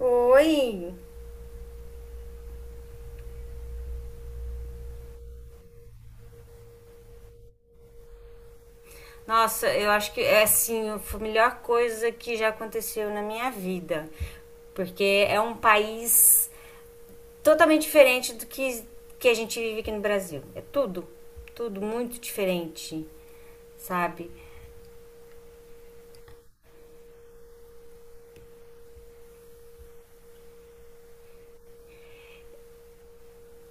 Oi! Nossa, eu acho que é assim, foi a melhor coisa que já aconteceu na minha vida. Porque é um país totalmente diferente que a gente vive aqui no Brasil. É tudo muito diferente, sabe?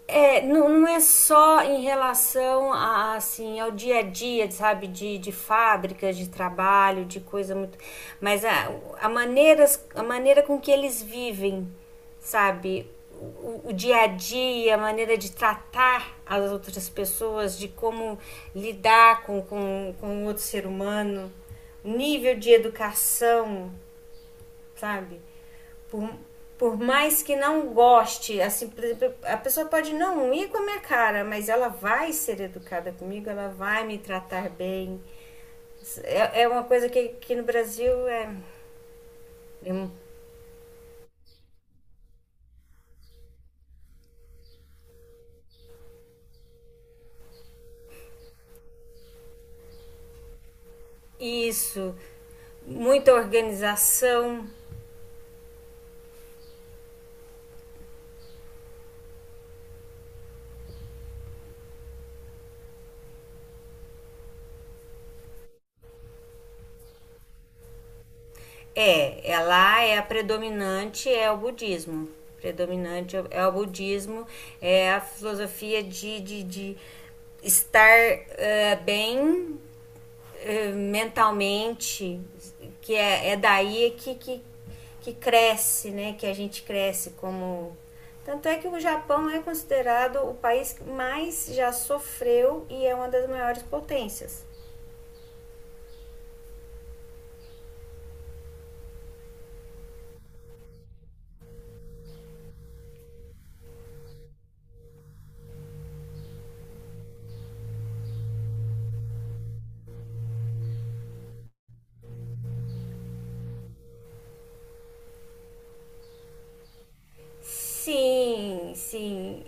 É, não, não é só em relação a, assim, ao dia a dia, sabe, de fábricas, de trabalho, de coisa muito. Mas a maneira com que eles vivem, sabe? O dia a dia, a maneira de tratar as outras pessoas, de como lidar com outro ser humano, o nível de educação, sabe? Por, por mais que não goste, assim, por exemplo, a pessoa pode não ir com a minha cara, mas ela vai ser educada comigo, ela vai me tratar bem. É, é uma coisa que no Brasil é, é um, isso, muita organização. É, é, lá é a predominante, é o budismo. Predominante é o budismo, é a filosofia de estar bem, mentalmente, que é, é daí que cresce, né? Que a gente cresce como. Tanto é que o Japão é considerado o país que mais já sofreu e é uma das maiores potências. Sim, sim.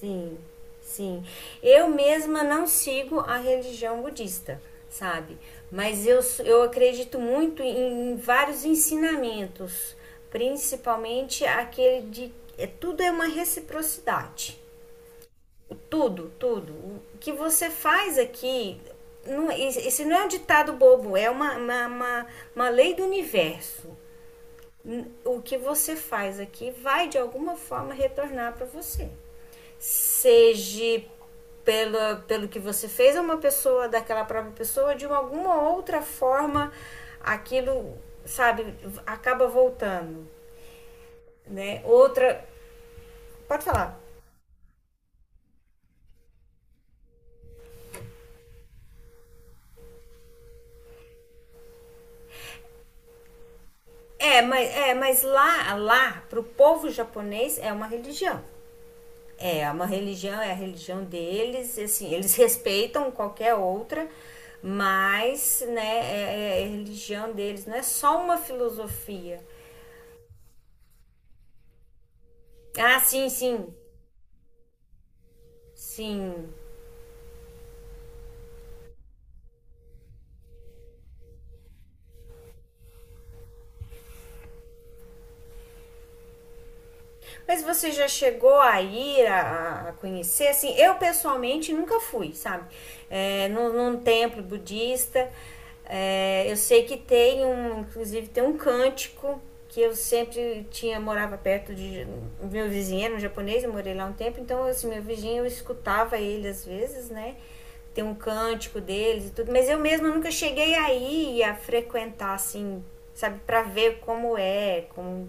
Sim, sim. Eu mesma não sigo a religião budista, sabe? Mas eu acredito muito em, em vários ensinamentos, principalmente aquele de é, tudo é uma reciprocidade. Tudo, tudo. O que você faz aqui, não, esse não é um ditado bobo, é uma lei do universo. O que você faz aqui vai de alguma forma retornar para você, seja pela, pelo que você fez a uma pessoa, daquela própria pessoa, de alguma outra forma, aquilo, sabe, acaba voltando, né? Outra, pode falar. É, mas lá, pro povo japonês, é uma religião. É uma religião, é a religião deles, assim, eles respeitam qualquer outra, mas, né, é, é a religião deles, não é só uma filosofia. Ah, sim, sim, sim. Mas você já chegou a a conhecer? Assim, eu pessoalmente nunca fui, sabe? É, num templo budista. É, eu sei que tem um, inclusive tem um cântico que eu sempre tinha morava perto de meu vizinho, era um japonês, eu morei lá um tempo, então assim, meu vizinho eu escutava ele às vezes, né? Tem um cântico deles e tudo, mas eu mesma nunca cheguei aí a frequentar assim, sabe, para ver como é, como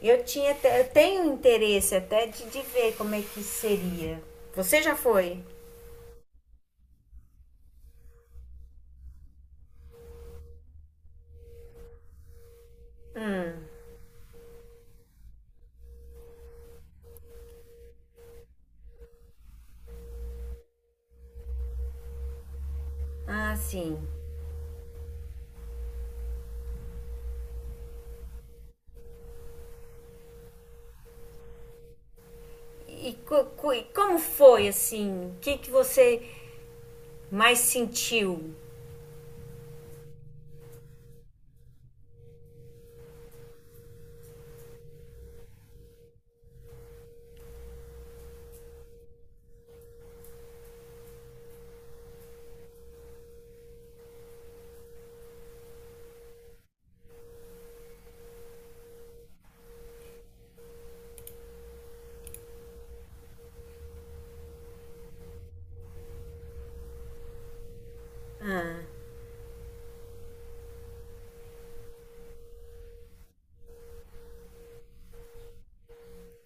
eu tinha eu tenho interesse até de ver como é que seria. Você já foi? Ah, sim. E, como foi assim? Que você mais sentiu?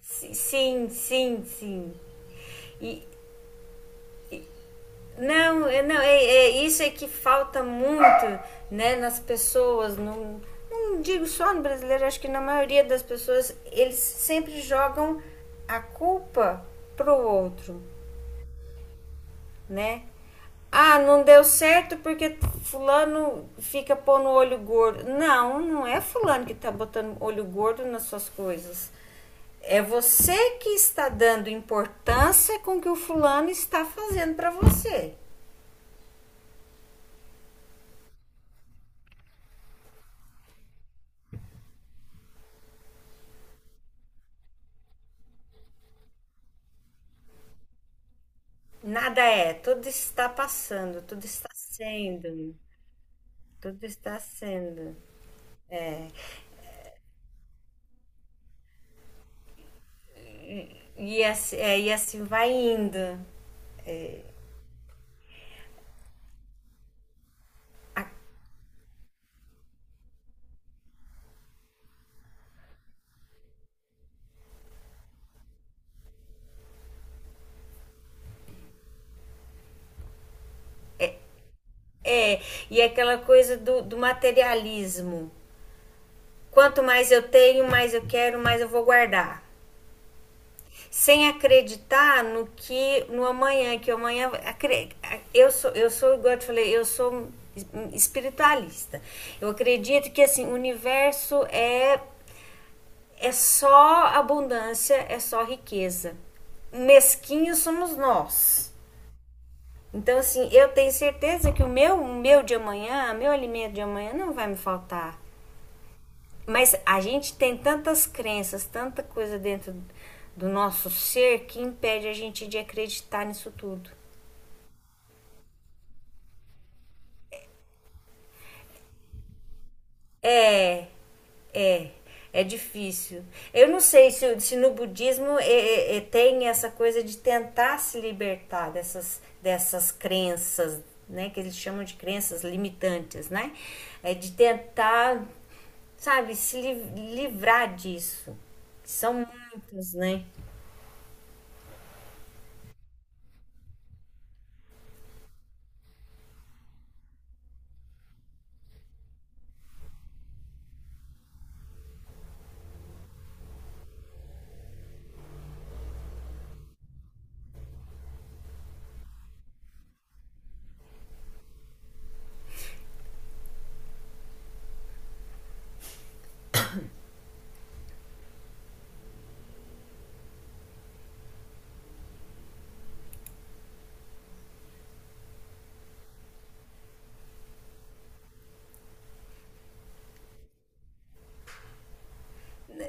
Sim, sim, sim. E não, não, isso é que falta muito, né, nas pessoas. Não, não digo só no brasileiro, acho que na maioria das pessoas eles sempre jogam a culpa pro outro. Né? Ah, não deu certo porque fulano fica pondo olho gordo. Não, não é fulano que tá botando olho gordo nas suas coisas. É você que está dando importância com o que o fulano está fazendo para você. Nada é, tudo está passando, tudo está sendo, tudo está sendo. E assim, é, e assim vai indo. É, e é aquela coisa do materialismo. Quanto mais eu tenho, mais eu quero, mais eu vou guardar. Sem acreditar no que no amanhã, que amanhã eu sou igual eu te falei, eu sou espiritualista. Eu acredito que assim, o universo é só abundância, é só riqueza. Mesquinhos somos nós. Então assim, eu tenho certeza que o meu de amanhã, meu alimento de amanhã não vai me faltar. Mas a gente tem tantas crenças, tanta coisa dentro do nosso ser que impede a gente de acreditar nisso tudo. É, é, é difícil. Eu não sei se, se no budismo é, tem essa coisa de tentar se libertar dessas crenças, né? Que eles chamam de crenças limitantes, né? É de tentar, sabe, se livrar disso. São muitas, né?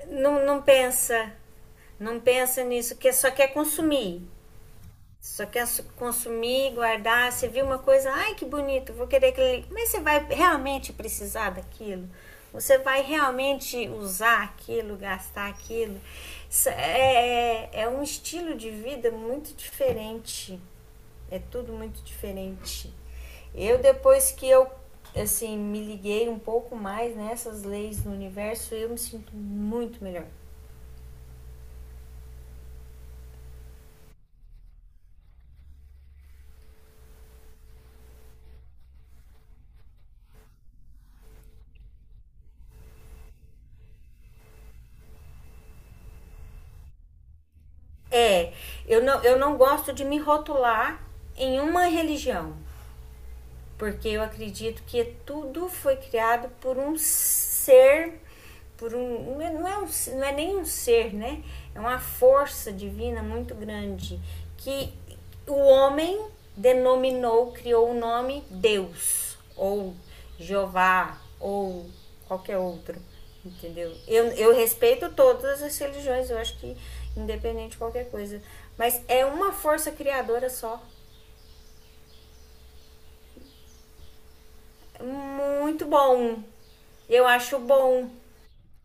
Não, não pensa, não pensa nisso, que só quer consumir. Só quer consumir, guardar. Você viu uma coisa, ai que bonito, vou querer aquele. Mas você vai realmente precisar daquilo? Você vai realmente usar aquilo, gastar aquilo? É um estilo de vida muito diferente. É tudo muito diferente. Depois que eu, assim, me liguei um pouco mais nessas leis do universo, eu me sinto muito melhor. É, eu não gosto de me rotular em uma religião porque eu acredito que tudo foi criado por um ser, por um, não é nem um ser, né? É uma força divina muito grande que o homem denominou, criou o nome Deus ou Jeová ou qualquer outro, entendeu? Eu respeito todas as religiões, eu acho que independente de qualquer coisa, mas é uma força criadora só muito bom. Eu acho bom.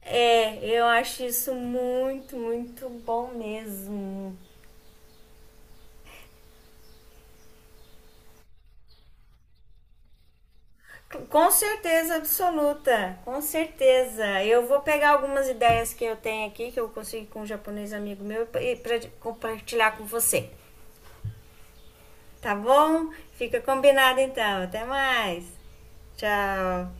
É, eu acho isso muito, muito bom mesmo. Com certeza absoluta, com certeza. Eu vou pegar algumas ideias que eu tenho aqui, que eu consegui com um japonês amigo meu, e pra compartilhar com você. Tá bom? Fica combinado então. Até mais. Tchau.